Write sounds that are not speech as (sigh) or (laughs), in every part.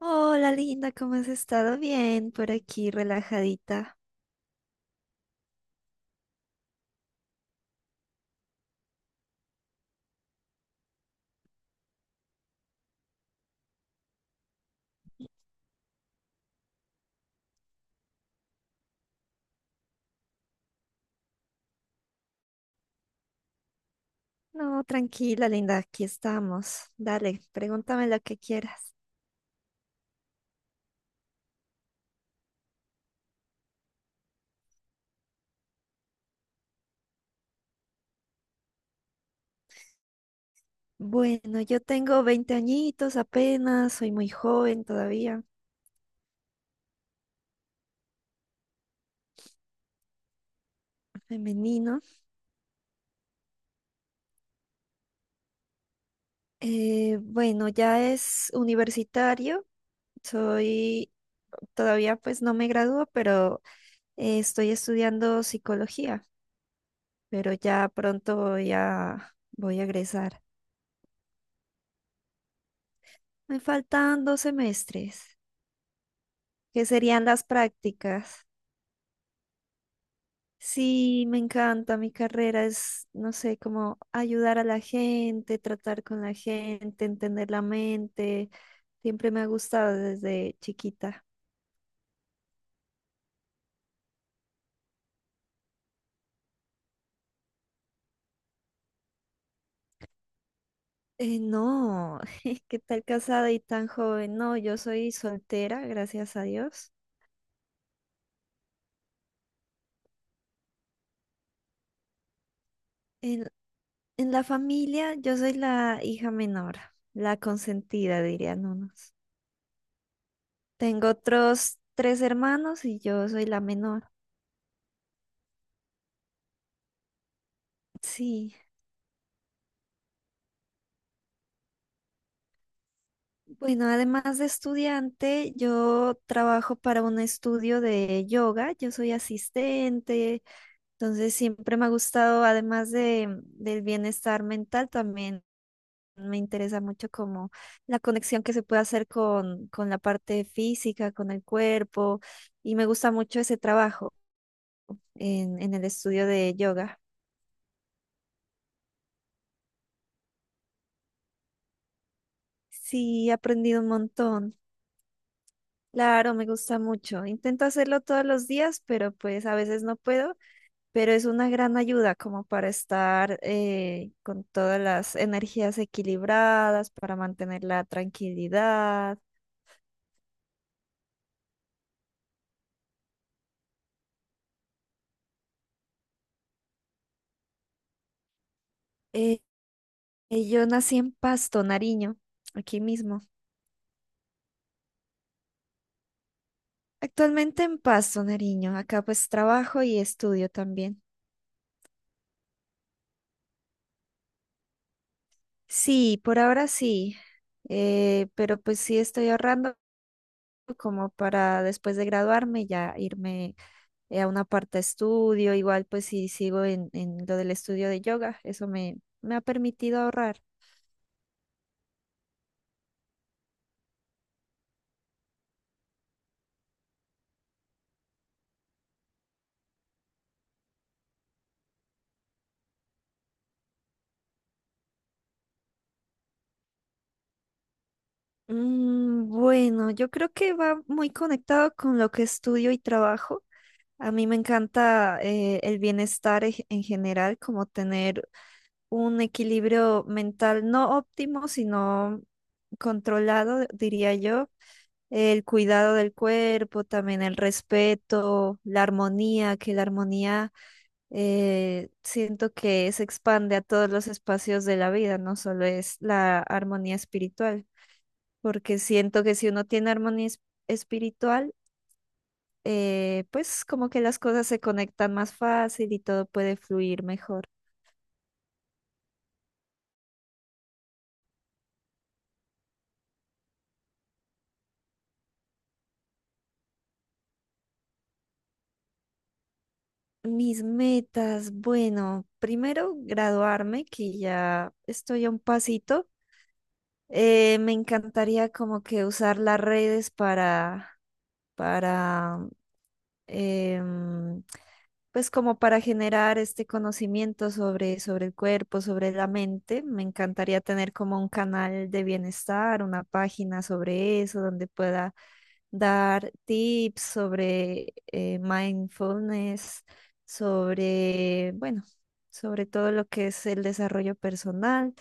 Hola, linda, ¿cómo has estado? Bien, por aquí, relajadita. No, tranquila, linda, aquí estamos. Dale, pregúntame lo que quieras. Bueno, yo tengo 20 añitos apenas, soy muy joven todavía, femenino. Bueno, ya es universitario, soy, todavía pues no me gradúo, pero estoy estudiando psicología, pero ya pronto ya voy a egresar. Me faltan 2 semestres, que serían las prácticas. Sí, me encanta, mi carrera es, no sé, como ayudar a la gente, tratar con la gente, entender la mente. Siempre me ha gustado desde chiquita. No, (laughs) ¿qué tal casada y tan joven? No, yo soy soltera, gracias a Dios. En, en la familia yo soy la hija menor, la consentida, dirían unos. Tengo otros tres hermanos y yo soy la menor. Sí. Bueno, además de estudiante, yo trabajo para un estudio de yoga, yo soy asistente, entonces siempre me ha gustado, además del bienestar mental, también me interesa mucho como la conexión que se puede hacer con la parte física, con el cuerpo, y me gusta mucho ese trabajo en el estudio de yoga. Sí, he aprendido un montón. Claro, me gusta mucho. Intento hacerlo todos los días, pero pues a veces no puedo, pero es una gran ayuda como para estar con todas las energías equilibradas, para mantener la tranquilidad. Eh, yo nací en Pasto, Nariño, aquí mismo. Actualmente en Pasto, Nariño. Acá pues trabajo y estudio también. Sí, por ahora sí, pero pues sí estoy ahorrando como para después de graduarme ya irme a una parte, estudio, igual pues si sigo en lo del estudio de yoga, eso me ha permitido ahorrar. Mm, bueno, yo creo que va muy conectado con lo que estudio y trabajo. A mí me encanta el bienestar en general, como tener un equilibrio mental no óptimo, sino controlado, diría yo, el cuidado del cuerpo, también el respeto, la armonía, que la armonía siento que se expande a todos los espacios de la vida, no solo es la armonía espiritual, porque siento que si uno tiene armonía espiritual, pues como que las cosas se conectan más fácil y todo puede fluir mejor. Mis metas, bueno, primero graduarme, que ya estoy a un pasito. Me encantaría como que usar las redes para, em, pues como para generar este conocimiento sobre el cuerpo, sobre la mente. Me encantaría tener como un canal de bienestar, una página sobre eso, donde pueda dar tips sobre mindfulness, sobre, bueno, sobre todo lo que es el desarrollo personal.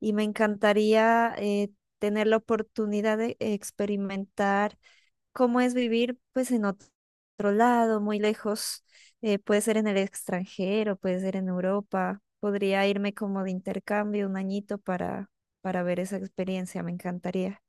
Y me encantaría tener la oportunidad de experimentar cómo es vivir pues en otro lado, muy lejos. Puede ser en el extranjero, puede ser en Europa. Podría irme como de intercambio un añito para ver esa experiencia, me encantaría.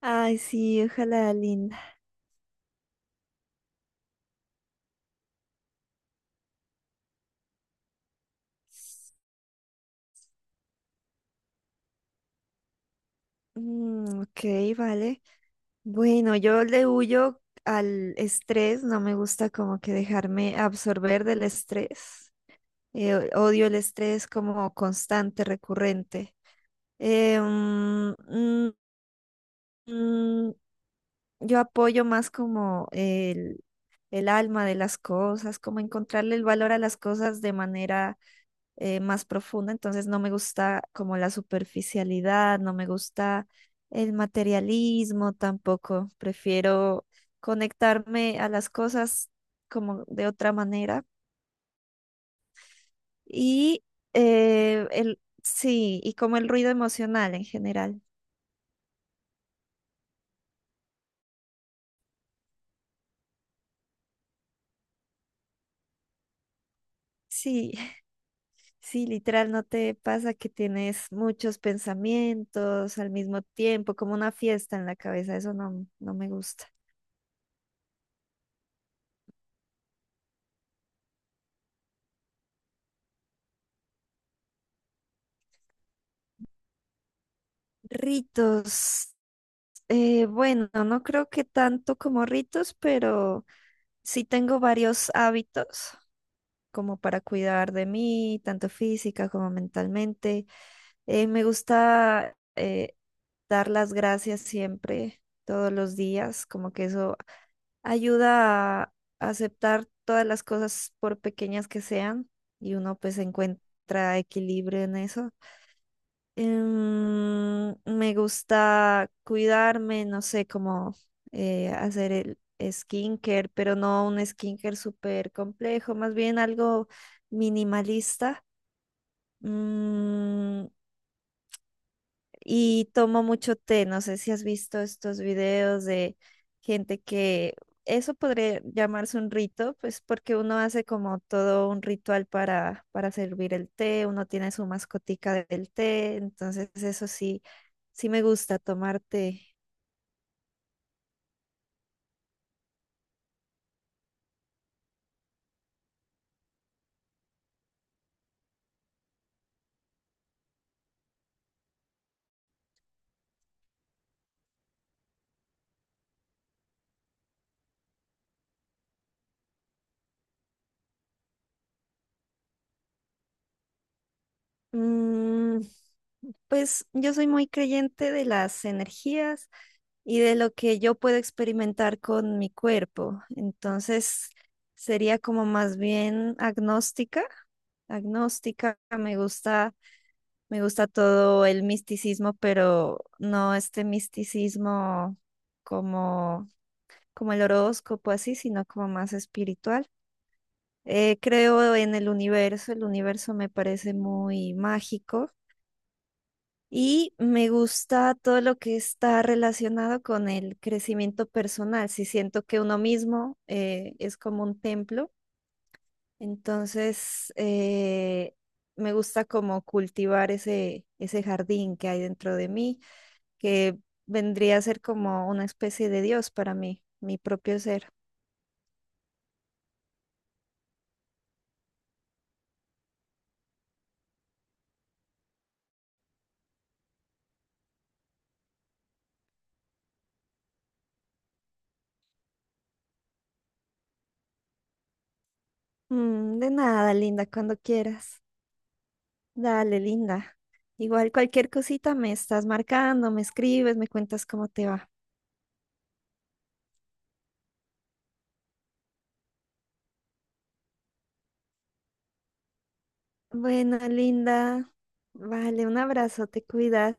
Ay, sí, ojalá, linda. Mm, ok, vale. Bueno, yo le huyo al estrés, no me gusta como que dejarme absorber del estrés. Odio el estrés como constante, recurrente. Eh, mm, mm, mm, yo apoyo más como el alma de las cosas, como encontrarle el valor a las cosas de manera más profunda, entonces no me gusta como la superficialidad, no me gusta el materialismo tampoco, prefiero conectarme a las cosas como de otra manera y sí, y como el ruido emocional en general. Sí, (laughs) sí, literal, ¿no te pasa que tienes muchos pensamientos al mismo tiempo, como una fiesta en la cabeza? Eso no, no me gusta. Ritos. Bueno, no creo que tanto como ritos, pero sí tengo varios hábitos como para cuidar de mí, tanto física como mentalmente. Me gusta dar las gracias siempre, todos los días, como que eso ayuda a aceptar todas las cosas por pequeñas que sean y uno pues encuentra equilibrio en eso. Me gusta cuidarme, no sé cómo hacer el skincare, pero no un skincare súper complejo, más bien algo minimalista. Mm, y tomo mucho té. No sé si has visto estos videos de gente que eso podría llamarse un rito, pues porque uno hace como todo un ritual para servir el té, uno tiene su mascotica del té, entonces eso sí, sí me gusta tomar té. Mm, pues yo soy muy creyente de las energías y de lo que yo puedo experimentar con mi cuerpo. Entonces sería como más bien agnóstica. Agnóstica, me gusta todo el misticismo, pero no este misticismo como, como el horóscopo así, sino como más espiritual. Creo en el universo me parece muy mágico y me gusta todo lo que está relacionado con el crecimiento personal. Si siento que uno mismo es como un templo, entonces me gusta como cultivar ese jardín que hay dentro de mí, que vendría a ser como una especie de Dios para mí, mi propio ser. Mm, de nada, linda, cuando quieras. Dale, linda. Igual cualquier cosita me estás marcando, me escribes, me cuentas cómo te va. Bueno, linda. Vale, un abrazo, te cuidas.